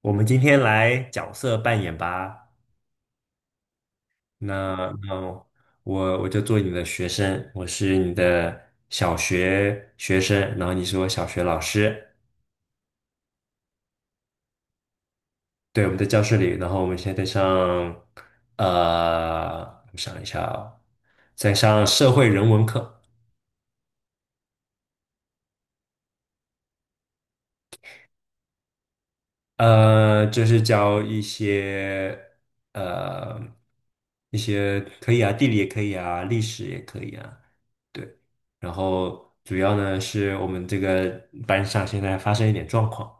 我们今天来角色扮演吧。那我就做你的学生，我是你的小学学生，然后你是我小学老师。对，我们在教室里，然后我们现在在上，呃，我想一下哦，在上社会人文课。呃，就是教一些呃一些可以啊，地理也可以啊，历史也可以啊，对。然后主要呢是我们这个班上现在发生一点状况，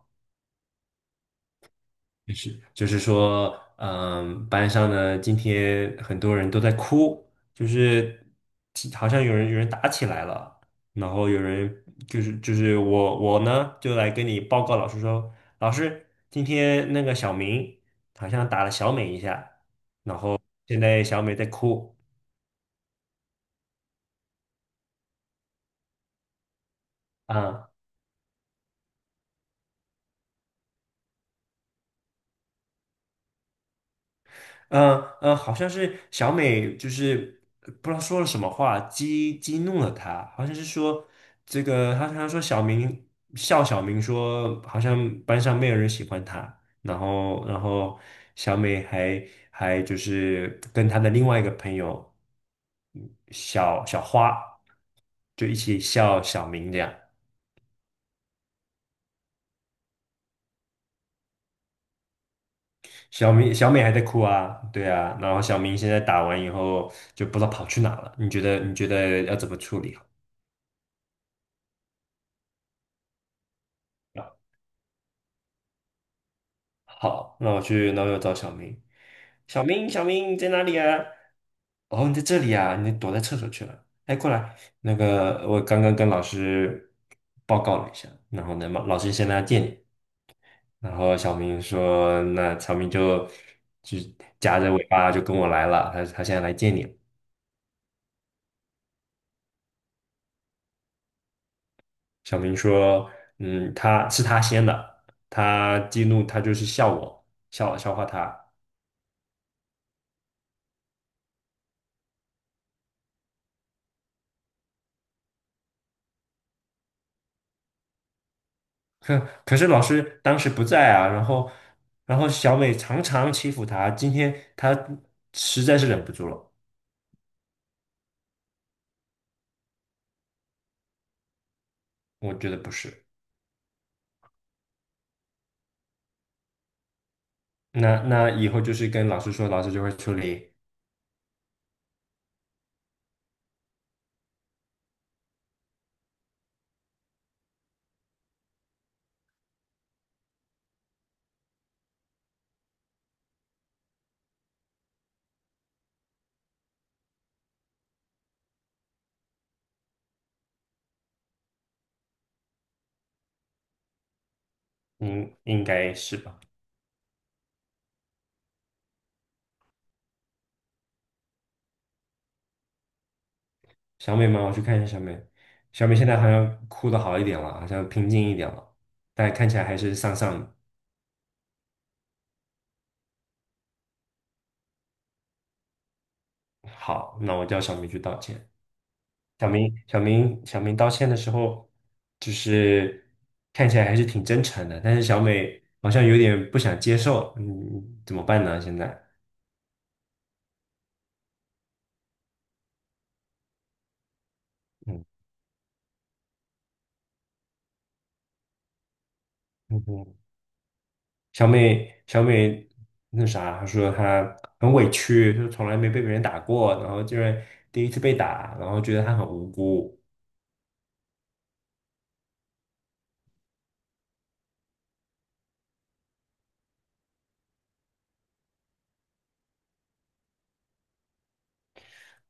是，就是说，嗯，班上呢，今天很多人都在哭，就是其好像有人打起来了，然后有人就是我呢就来跟你报告老师说，老师，今天那个小明好像打了小美一下，现在小美在哭啊。嗯嗯，好像是小美，就是不知道说了什么话，激怒了他，好像是说这个，他说小明笑小明说，好像班上没有人喜欢他，然后小美还就是跟她的另外一个朋友小花，就一起笑小明这样。小美还在哭啊，对啊，然后小明现在打完以后就不知道跑去哪了，你觉得要怎么处理啊？好，那我去，那我要找小明。小明，小明，你在哪里啊？哦，你在这里啊，你躲在厕所去了。哎，过来，那个我刚刚跟老师报告了一下，然后呢，老师现在要见你。然后小明说，那小明就就夹着尾巴就跟我来了，他现在来见你了。小明说，嗯，他是他先的，他激怒他就是笑我，笑话他。可可是老师当时不在啊，然后小美常常欺负他，今天他实在是忍不住了，我觉得不是。那那以后就是跟老师说，老师就会处理，应该是吧？小美吗？我去看一下小美，小美现在好像哭的好一点了，好像平静一点了，但看起来还是丧丧的。好，那我叫小美去道歉。小明，小明，小明道歉的时候，就是看起来还是挺真诚的，但是小美好像有点不想接受，嗯，怎么办呢？现在，嗯嗯哼，小美，小美那啥，她说她很委屈，就是从来没被别人打过，然后竟然第一次被打，然后觉得她很无辜。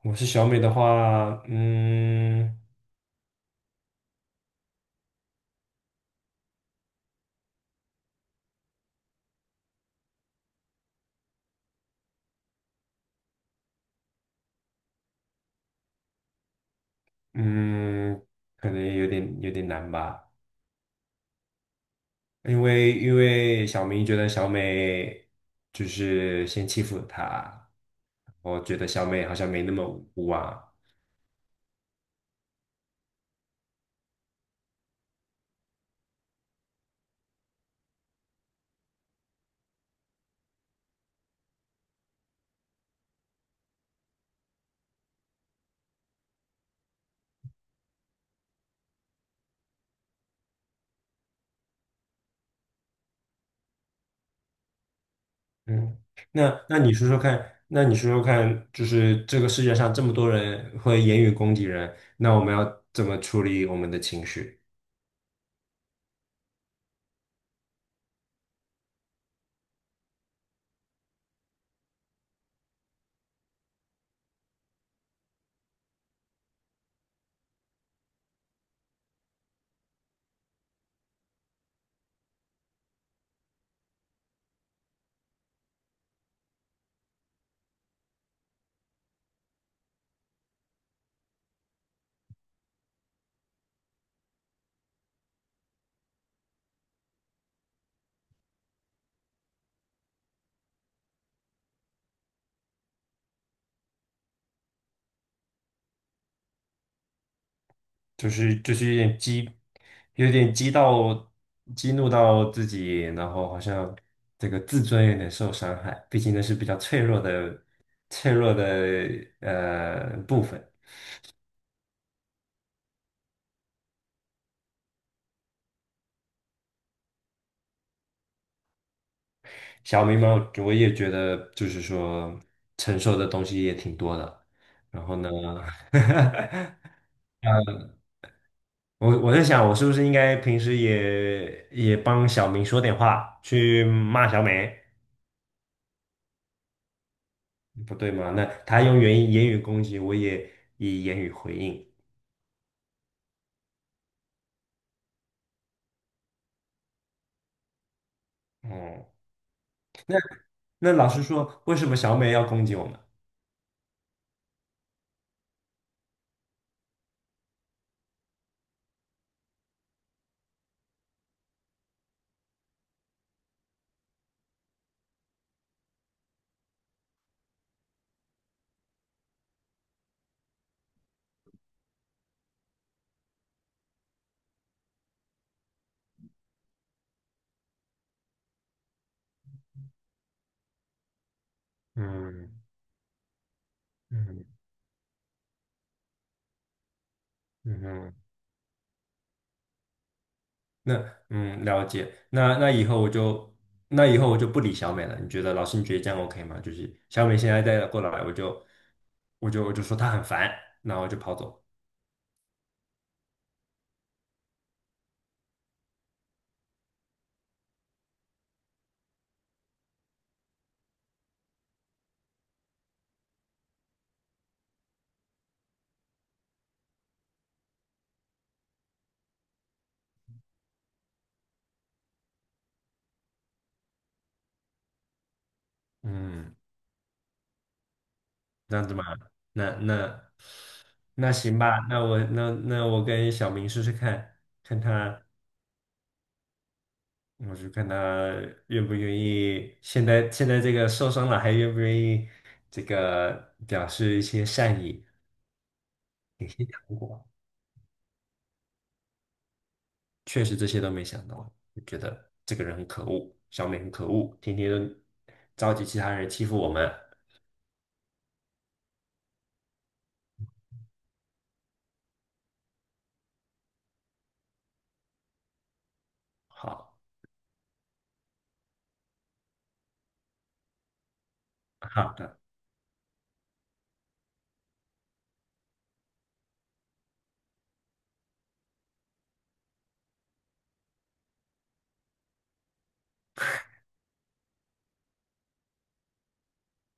我是小美的话，嗯嗯，可能有点难吧。因为小明觉得小美就是先欺负了他，我觉得小美好像没那么无辜啊。嗯，那你说说看，就是这个世界上这么多人会言语攻击人，那我们要怎么处理我们的情绪？就是有点激，有点激怒到自己，然后好像这个自尊有点受伤害，毕竟那是比较脆弱的脆弱的部分。小明嘛，我也觉得就是说承受的东西也挺多的，然后呢，我在想我是不是应该平时也帮小明说点话，去骂小美。不对吗？那他用言语攻击，我也以言语回应。哦，那老师说，为什么小美要攻击我们？嗯嗯嗯哼，那嗯了解。那以后我就不理小美了。你觉得你觉得这样 OK 吗？就是小美现在再过来，我就说她很烦，然后我就跑走。嗯，这样子吗？那那行吧，那那我跟小明试试看，看他。我就看他愿不愿意，现在这个受伤了还愿不愿意这个表示一些善意。如确实这些都没想到，就觉得这个人很可恶，小美很可恶，天天都召集其他人欺负我们。好，好的，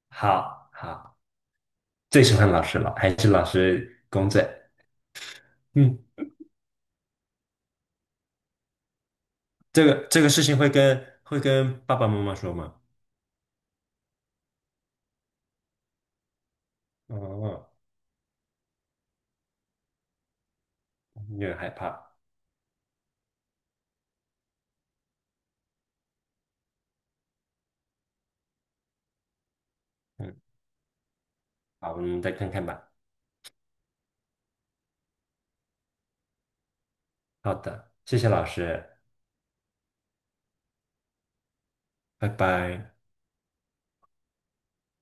好好，最喜欢老师了，还是老师公正。嗯，这个事情会跟爸爸妈妈说吗？哦，有点害怕。嗯，好，我们再看看吧。好的，谢谢老师，拜拜。